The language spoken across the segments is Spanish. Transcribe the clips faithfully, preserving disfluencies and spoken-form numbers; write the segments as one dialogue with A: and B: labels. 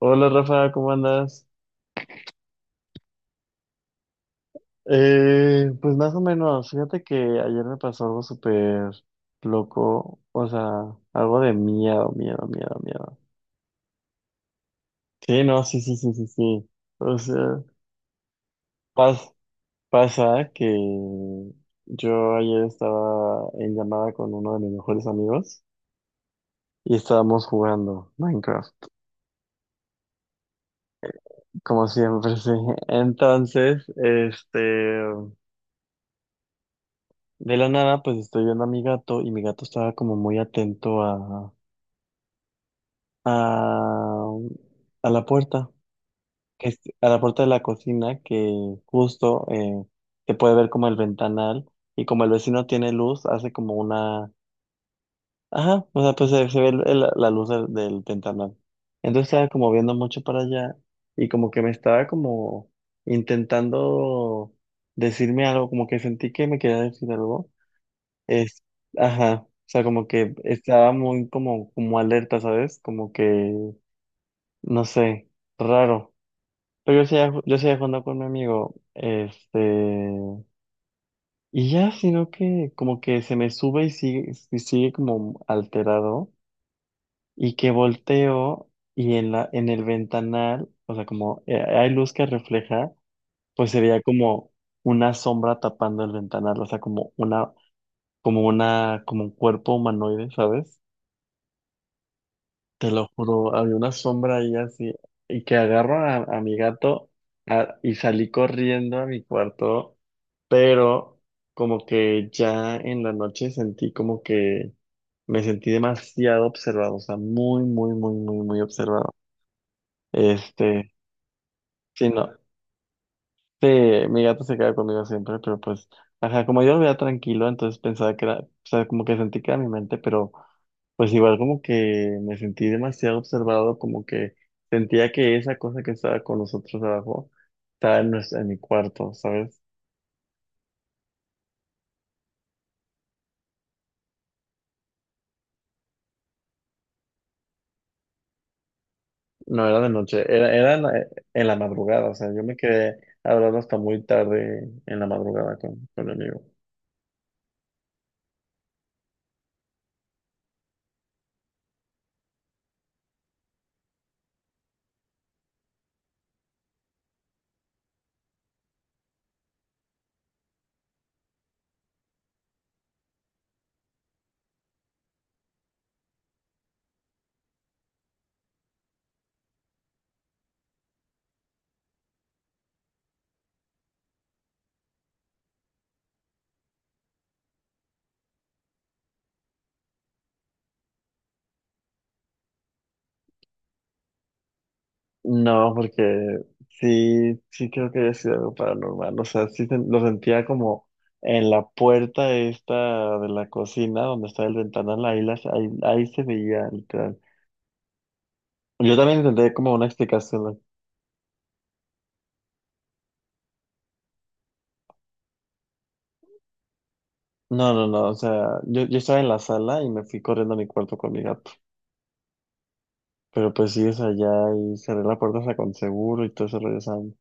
A: Hola Rafa, ¿cómo andas? Eh, pues más o menos, fíjate que ayer me pasó algo súper loco, o sea, algo de miedo, miedo, miedo, miedo. Sí, no, sí, sí, sí, sí, sí. O sea, pas- pasa que yo ayer estaba en llamada con uno de mis mejores amigos y estábamos jugando Minecraft, como siempre, sí. Entonces, este, de la nada, pues estoy viendo a mi gato y mi gato estaba como muy atento a a, a la puerta, que es- a la puerta de la cocina, que justo eh, se puede ver como el ventanal y como el vecino tiene luz, hace como una... Ajá, o sea, pues se, se ve el- el- la luz del, del ventanal. Entonces estaba como viendo mucho para allá y como que me estaba como intentando decirme algo, como que sentí que me quería decir algo. Es, ajá, o sea, como que estaba muy como, como alerta, ¿sabes? Como que no sé, raro. Pero yo seguía, ju- yo seguía jugando con mi amigo. Este. Y ya, sino que como que se me sube y sigue, y sigue como alterado. Y que volteo y en la, en el ventanal, o sea, como eh, hay luz que refleja, pues se veía como una sombra tapando el ventanal, o sea, como una, como una, como un cuerpo humanoide, ¿sabes? Te lo juro, había una sombra ahí así, y que agarro a, a mi gato a- y salí corriendo a mi cuarto, pero como que ya en la noche sentí como que me sentí demasiado observado, o sea, muy, muy, muy, muy, muy observado. Este, sí, no, sí, mi gato se queda conmigo siempre, pero pues, ajá, como yo lo veía tranquilo, entonces pensaba que era, o sea, como que sentí que era mi mente, pero pues igual como que me sentí demasiado observado, como que sentía que esa cosa que estaba con nosotros abajo estaba en, nues- en mi cuarto, ¿sabes? No era de noche, era, era en la, en la madrugada, o sea, yo me quedé hablando hasta muy tarde en la madrugada con, con mi amigo. No, porque sí, sí creo que haya sido algo paranormal. O sea, sí sen- lo sentía como en la puerta esta de la cocina, donde está el ventanal, ahí, las, ahí, ahí se veía literal. Yo también intenté como una explicación. No, no, no, no, o sea, yo, yo estaba en la sala y me fui corriendo a mi cuarto con mi gato. Pero pues sí, o sea, ya y cerré la puerta, o sea, con seguro y todo eso regresando.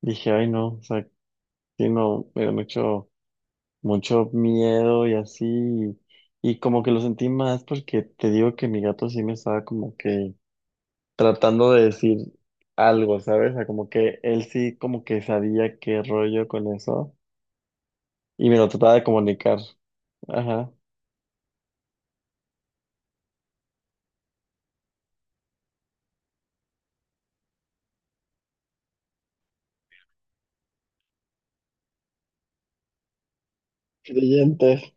A: Dije, ay no, o sea, sí, no, me han hecho mucho miedo y así, y, y como que lo sentí más porque te digo que mi gato sí me estaba como que tratando de decir algo, ¿sabes? O sea, como que él sí como que sabía qué rollo con eso y me lo trataba de comunicar. Ajá. Creyente.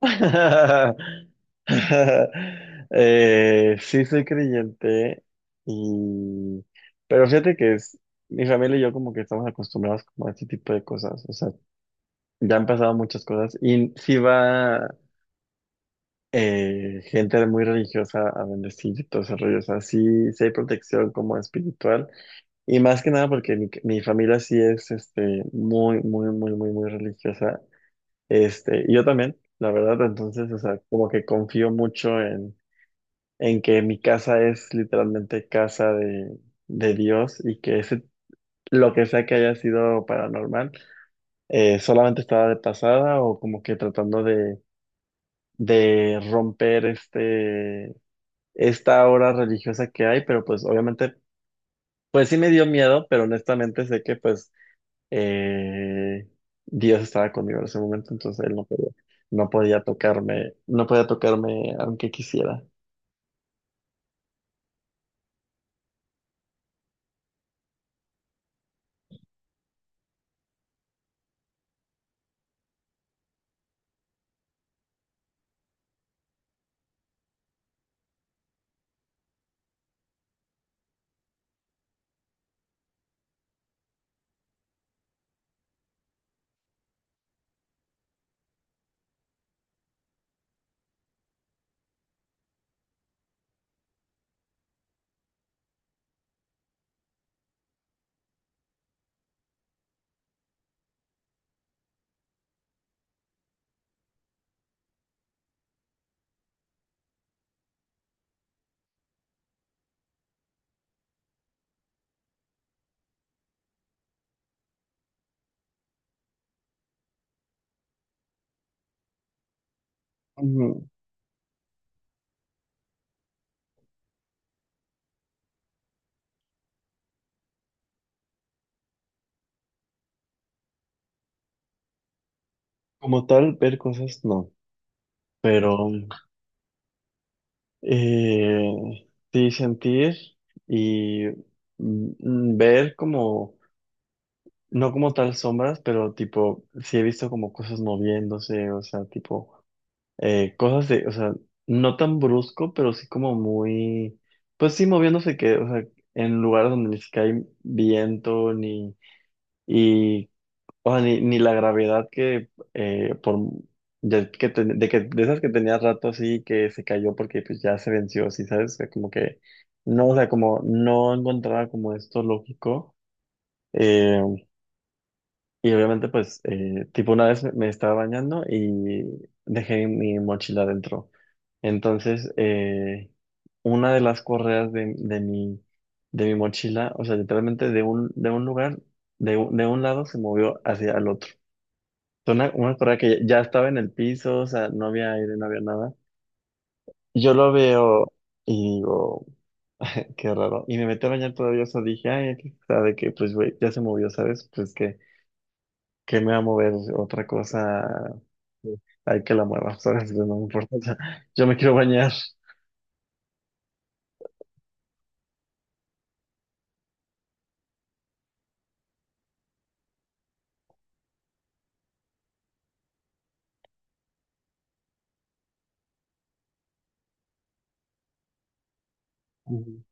A: Eh, sí soy creyente y... Pero fíjate que es... Mi familia y yo como que estamos acostumbrados como a este tipo de cosas. O sea, ya han pasado muchas cosas y sí va eh, gente muy religiosa a bendecir y todo ese rollo. O sea, sí, sí hay protección como espiritual y más que nada porque mi, mi familia sí es este, muy, muy, muy, muy, muy religiosa. Este, y yo también, la verdad. Entonces, o sea, como que confío mucho en, en que mi casa es literalmente casa de, de Dios y que ese, lo que sea que haya sido paranormal eh, solamente estaba de pasada o como que tratando de de romper este, esta hora religiosa que hay, pero pues obviamente, pues sí me dio miedo, pero honestamente sé que pues eh, Dios estaba conmigo en ese momento, entonces él no podía, no podía tocarme, no podía tocarme aunque quisiera. Ujú. Como tal, ver cosas no, pero eh, sí sentir y mm, ver como no como tal sombras, pero tipo, sí he visto como cosas moviéndose, o sea, tipo, eh, cosas de, o sea, no tan brusco, pero sí como muy, pues sí moviéndose que, o sea, en lugares donde ni siquiera hay viento, ni, y, o sea, ni, ni la gravedad que, eh, por, de que, ten- de que, de esas que tenía rato así, que se cayó porque pues ya se venció, así, ¿sabes? O sea, como que, no, o sea, como no encontraba como esto lógico. Eh, y obviamente, pues, eh, tipo, una vez me estaba bañando y dejé mi mochila dentro. Entonces, eh, una de las correas de, de mi, de mi mochila, o sea, literalmente de un, de un lugar, de, un- de un lado se movió hacia el otro. Fue Una, una correa que ya estaba en el piso, o sea, no había aire, no había nada. Yo lo veo y digo, qué raro. Y me metí a bañar todavía, o sea, dije, ay, aquí está, de que, pues, güey, ya se movió, ¿sabes? Pues que que me va a mover otra cosa, hay que la mueva, ¿sabes? No me importa, ya- yo me quiero bañar. Ujú.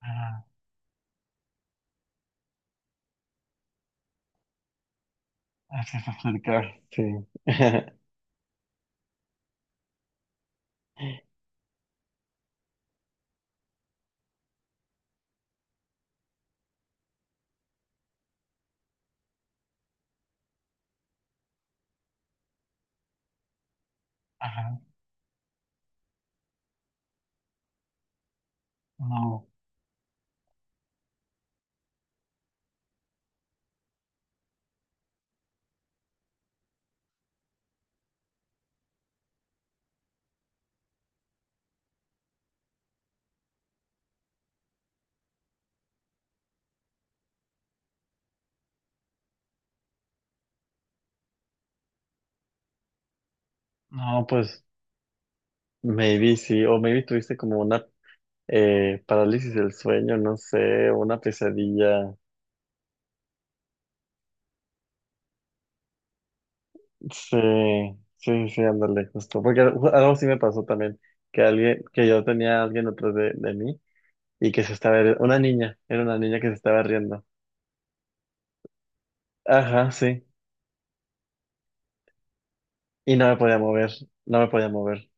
A: Ah, así es acercar, sí. Ajá, no, no, pues, maybe sí, o maybe tuviste como una eh, parálisis del sueño, no sé, una pesadilla. Sí, sí, sí, ándale, justo. Porque algo algo sí me pasó también, que alguien, que yo tenía a alguien atrás de, de mí y que se estaba, ri- una niña, era una niña que se estaba riendo. Ajá, sí. Y no me podía mover, no me podía mover.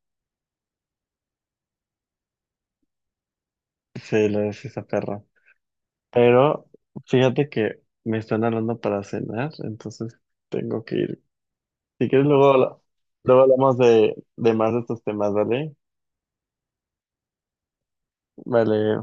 A: Sí, lo decía esa perra. Pero fíjate que me están hablando para cenar, entonces tengo que ir. Si quieres, luego, habla- luego hablamos de, de más de estos temas, ¿vale? Vale.